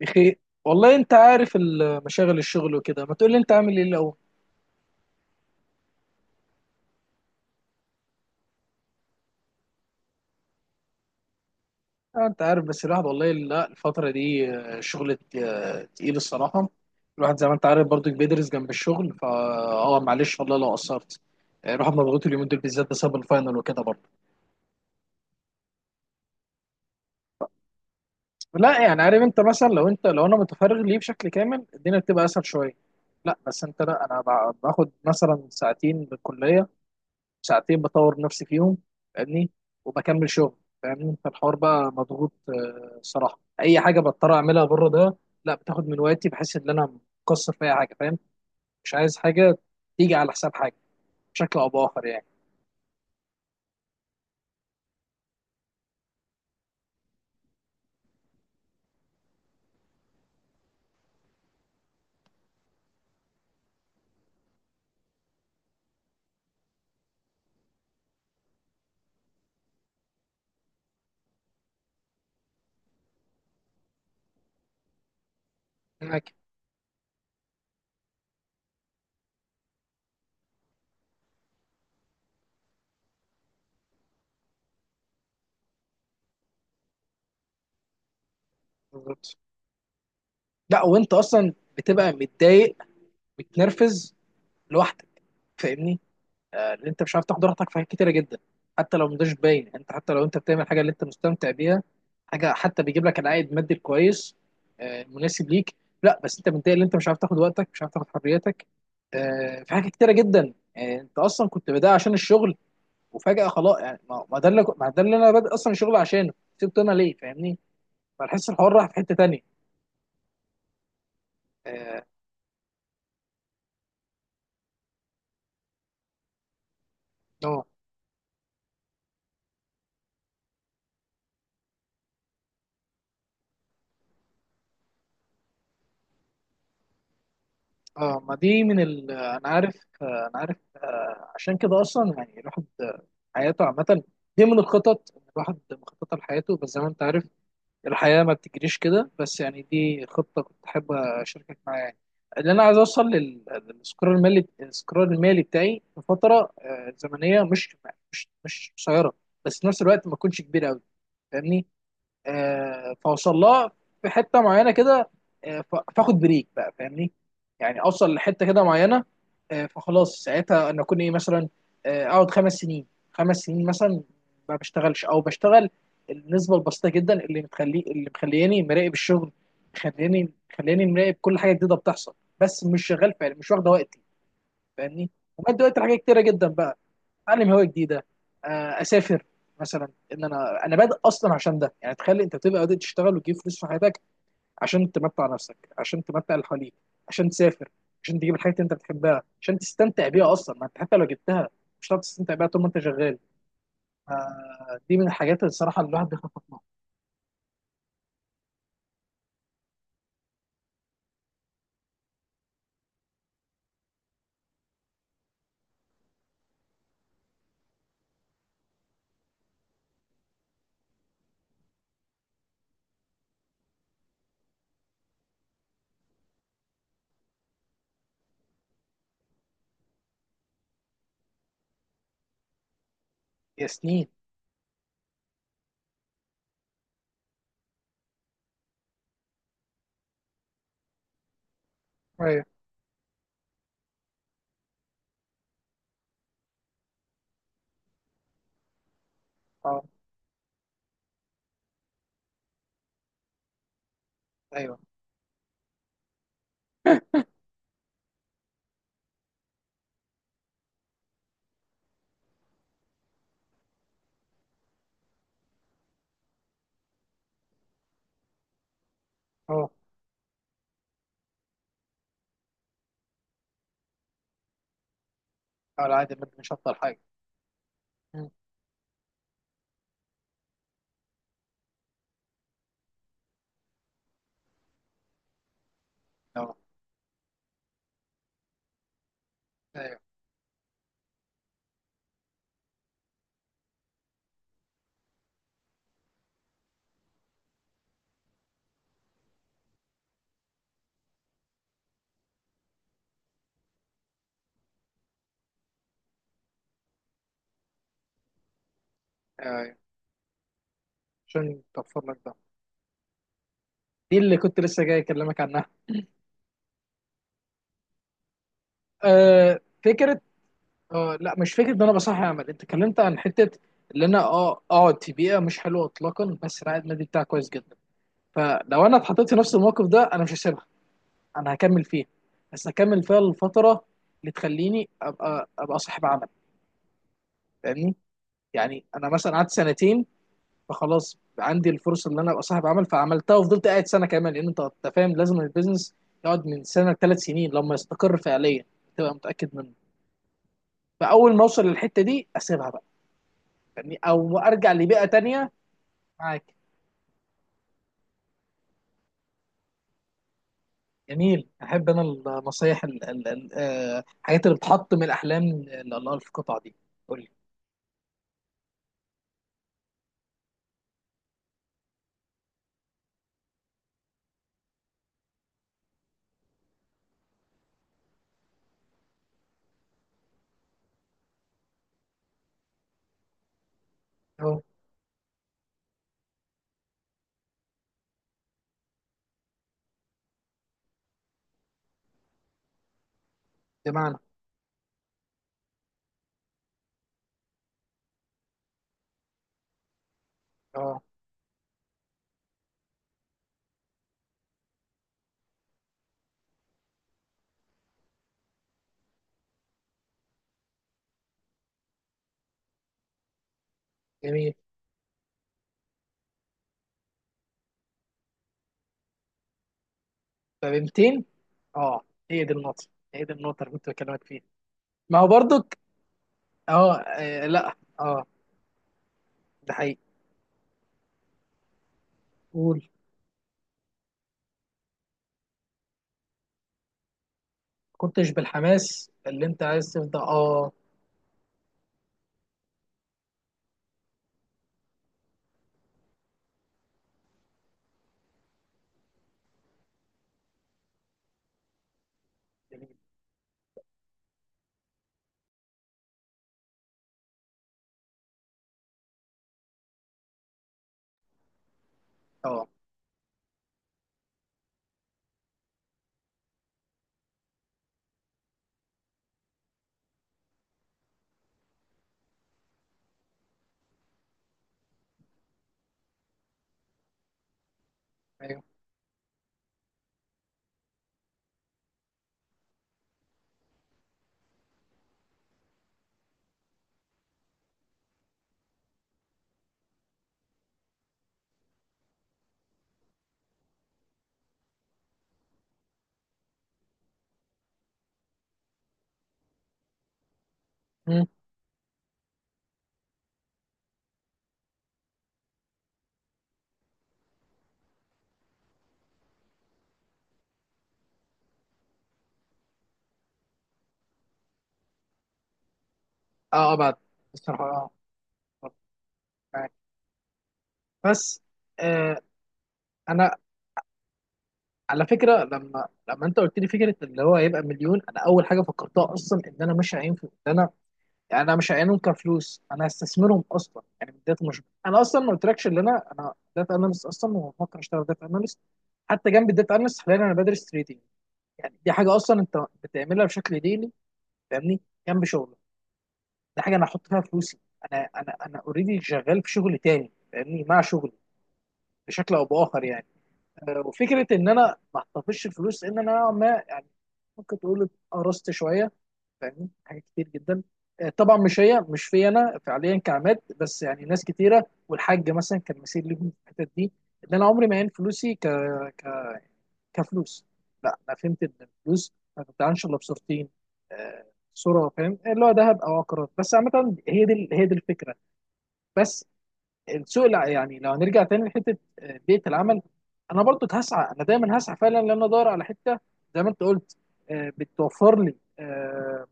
بخير والله، انت عارف مشاغل الشغل وكده. ما تقول لي انت عامل ايه الاول؟ انت عارف، بس الواحد والله لا، الفتره دي شغل تقيل الصراحه. الواحد زي ما انت عارف برضك بيدرس جنب الشغل، فا اه معلش والله لو قصرت. الواحد مضغوط اليومين دول بالذات بسبب الفاينل وكده برضه. لا يعني، عارف انت مثلا، لو انت، لو انا متفرغ ليه بشكل كامل الدنيا بتبقى اسهل شويه. لا بس انت، لا انا باخد مثلا ساعتين بالكليه، ساعتين بطور نفسي فيهم. فاهمني؟ وبكمل شغل. فاهمني؟ فالحوار بقى مضغوط، صراحه اي حاجه بضطر اعملها بره ده لا، بتاخد من وقتي، بحس ان انا مقصر في اي حاجه، فاهم؟ مش عايز حاجه تيجي على حساب حاجه بشكل او باخر يعني. معاك. بالظبط. لا وانت اصلا بتبقى متضايق، متنرفز، لوحدك. فاهمني؟ ان انت مش عارف تاخد راحتك في حاجات كتيره جدا، حتى لو مش باين. انت حتى لو انت بتعمل حاجه اللي انت مستمتع بيها، حاجه حتى بيجيب لك العائد المادي الكويس، المناسب ليك. لا بس انت متضايق ان انت مش عارف تاخد وقتك، مش عارف تاخد حريتك. في حاجات كتيره جدا. انت اصلا كنت بدأ عشان الشغل، وفجاه خلاص، يعني ما ده اللي ما ده اللي انا بادئ اصلا الشغل عشانه، سبته انا ليه؟ فاهمني؟ فالحس الحوار راح في حته تانيه. آه. اه ما دي من ال، انا عارف. انا عارف. عشان كده اصلا يعني الواحد حياته عامه، دي من الخطط، إن الواحد مخطط لحياته، بس زي ما انت عارف الحياه ما بتجريش كده. بس يعني دي خطه كنت حابب اشاركك معايا يعني. اللي انا عايز اوصل للاستقرار المالي، الاستقرار المالي بتاعي في فتره زمنيه مش مش قصيره، بس في نفس الوقت ما تكونش كبيره قوي. فاهمني؟ فاوصل لها في حته معينه كده، فاخد بريك بقى. فاهمني؟ يعني اوصل لحته كده معينه. فخلاص ساعتها انا اكون ايه مثلا، اقعد خمس سنين، خمس سنين مثلا، ما بشتغلش، او بشتغل النسبه البسيطه جدا اللي مخلي، مخلياني مراقب الشغل، مخلياني مراقب كل حاجه جديده بتحصل، بس مش شغال فعلا، مش واخده وقتي. فاهمني؟ وبدي وقت لحاجات كتيره جدا بقى. اتعلم هوايه جديده، اسافر مثلا. ان انا، بادئ اصلا عشان ده، يعني تخيل انت بتبقى بادئ تشتغل وتجيب فلوس في حياتك عشان تمتع نفسك، عشان تمتع اللي حواليك، عشان تسافر، عشان تجيب الحاجات اللي انت بتحبها عشان تستمتع بيها اصلا. ما انت حتى لو جبتها مش هتعرف تستمتع بيها طول ما انت شغال. دي من الحاجات اللي الصراحه اللي الواحد بيخطط لها. يا سنين. ايوه. اه. ايوه. اه. على عادي، ما مش هفضل حاجه. مم. اه. ايوه. ايوه. أيوه. عشان توفر لك ده. دي اللي كنت لسه جاي اكلمك عنها. فكره. آه لا، مش فكرة ان انا بصحي عمل. انت اتكلمت عن حتة اللي انا اه اقعد في بيئة مش حلوة اطلاقا، بس رعاية النادي بتاعي كويس جدا. فلو انا اتحطيت في نفس الموقف ده، انا مش هسيبها. انا هكمل فيها، بس هكمل فيها الفترة اللي تخليني ابقى صاحب عمل. فاهمني؟ يعني انا مثلا قعدت سنتين، فخلاص عندي الفرصة ان انا ابقى صاحب عمل، فعملتها وفضلت قاعد سنة كمان، لان انت أنت فاهم لازم البيزنس يقعد من سنة لثلاث سنين لما يستقر فعليا، تبقى متأكد منه. فاول ما اوصل للحتة دي اسيبها بقى. يعني او ارجع لبيئه تانية. معاك. جميل، احب انا النصايح الحاجات اللي بتحط من الاحلام لله في القطعه دي. قول لي. اه. بمعنى. اه. جميل. طب 200. اه. هي دي النقطه، هي دي النقطه اللي كنت بكلمك فيها. ما هو برضك اه، آه، لا اه ده حقيقي. قول. كنتش بالحماس اللي انت عايز تفضل اه. جميل. اه. ايوه. مم. اه. بعد. بصراحه اه. آه. معاك. بس. آه. انا على فكره، لما انت قلت لي فكره اللي هو هيبقى مليون، انا اول حاجه فكرتها اصلا ان انا مش هينفع ان انا، يعني انا مش هعينهم كفلوس، انا هستثمرهم اصلا يعني من بدايه. مش انا اصلا ما قلتلكش ان انا داتا اناليست اصلا، وبفكر اشتغل داتا اناليست. حتى جنب الداتا اناليست حاليا انا بدرس تريدينج، يعني دي حاجه اصلا انت بتعملها بشكل ديلي. فاهمني؟ جنب شغلك. دي حاجه انا هحط فيها فلوسي. انا اوريدي شغال في شغل تاني فاهمني، مع شغلي بشكل او باخر يعني. وفكره ان انا ما احتفظش الفلوس، لان انا نوعاً ما يعني ممكن تقول قرصت شويه، فاهمني؟ حاجات كتير جدا. طبعا مش هي، مش في انا فعليا كعماد، بس يعني ناس كتيره والحاج مثلا كان مثير لي في الحتت دي، ان انا عمري ما عين فلوسي ك... كفلوس. لا انا فهمت ان الفلوس ما بتتعنش الا بصورتين، آه، صوره فاهم اللي هو ذهب او عقارات. بس عامه هي دي الفكره بس. السوق لا يعني، لو هنرجع تاني لحته بيئه العمل، انا برضو هسعى، انا دايما هسعى فعلا ان انا ادور على حته، زي ما انت قلت، بتوفر لي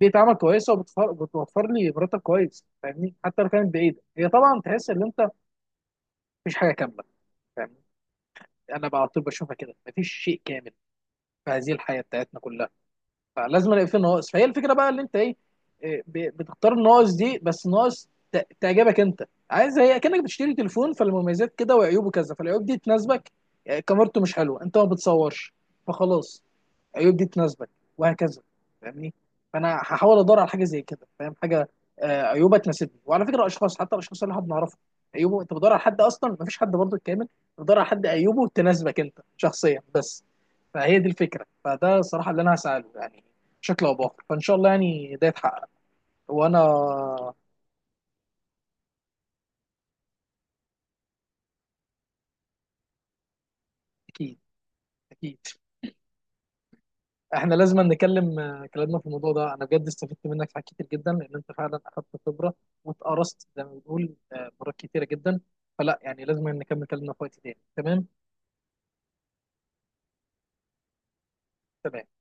بيئه عمل كويسه، بتوفر لي مرتب كويس. فاهمني؟ حتى لو كانت بعيده، هي طبعا تحس ان انت مفيش حاجه كامله. فاهمني؟ انا بقى على طول بشوفها كده، مفيش شيء كامل في هذه الحياه بتاعتنا كلها، فلازم الاقي فيه ناقص. فهي الفكره بقى اللي انت ايه، إيه، بتختار الناقص دي، بس ناقص تعجبك انت. عايز هي كانك بتشتري تليفون، فالمميزات كده وعيوبه كذا، فالعيوب دي تناسبك، إيه، كاميرته مش حلوه انت ما بتصورش، فخلاص العيوب دي تناسبك، وهكذا. فاهمني؟ فانا هحاول ادور على حاجه زي كده. فاهم؟ حاجه عيوبها تناسبني. وعلى فكره اشخاص، حتى الاشخاص اللي احنا بنعرفهم، عيوبه، انت بتدور على حد اصلا مفيش حد برضه كامل، بتدور على حد عيوبه تناسبك انت شخصيا بس. فهي دي الفكره. فده الصراحه اللي انا هساله يعني بشكل او باخر. فان شاء الله يعني ده يتحقق. وانا اكيد. اكيد. احنا لازم نكلم كلامنا في الموضوع ده، انا بجد استفدت منك في حاجات كتير جدا، لان انت فعلا اخدت خبره واتقرصت زي ما بنقول مرات كتيره جدا. فلا يعني لازم نكمل كلامنا في وقت تاني. تمام. تمام.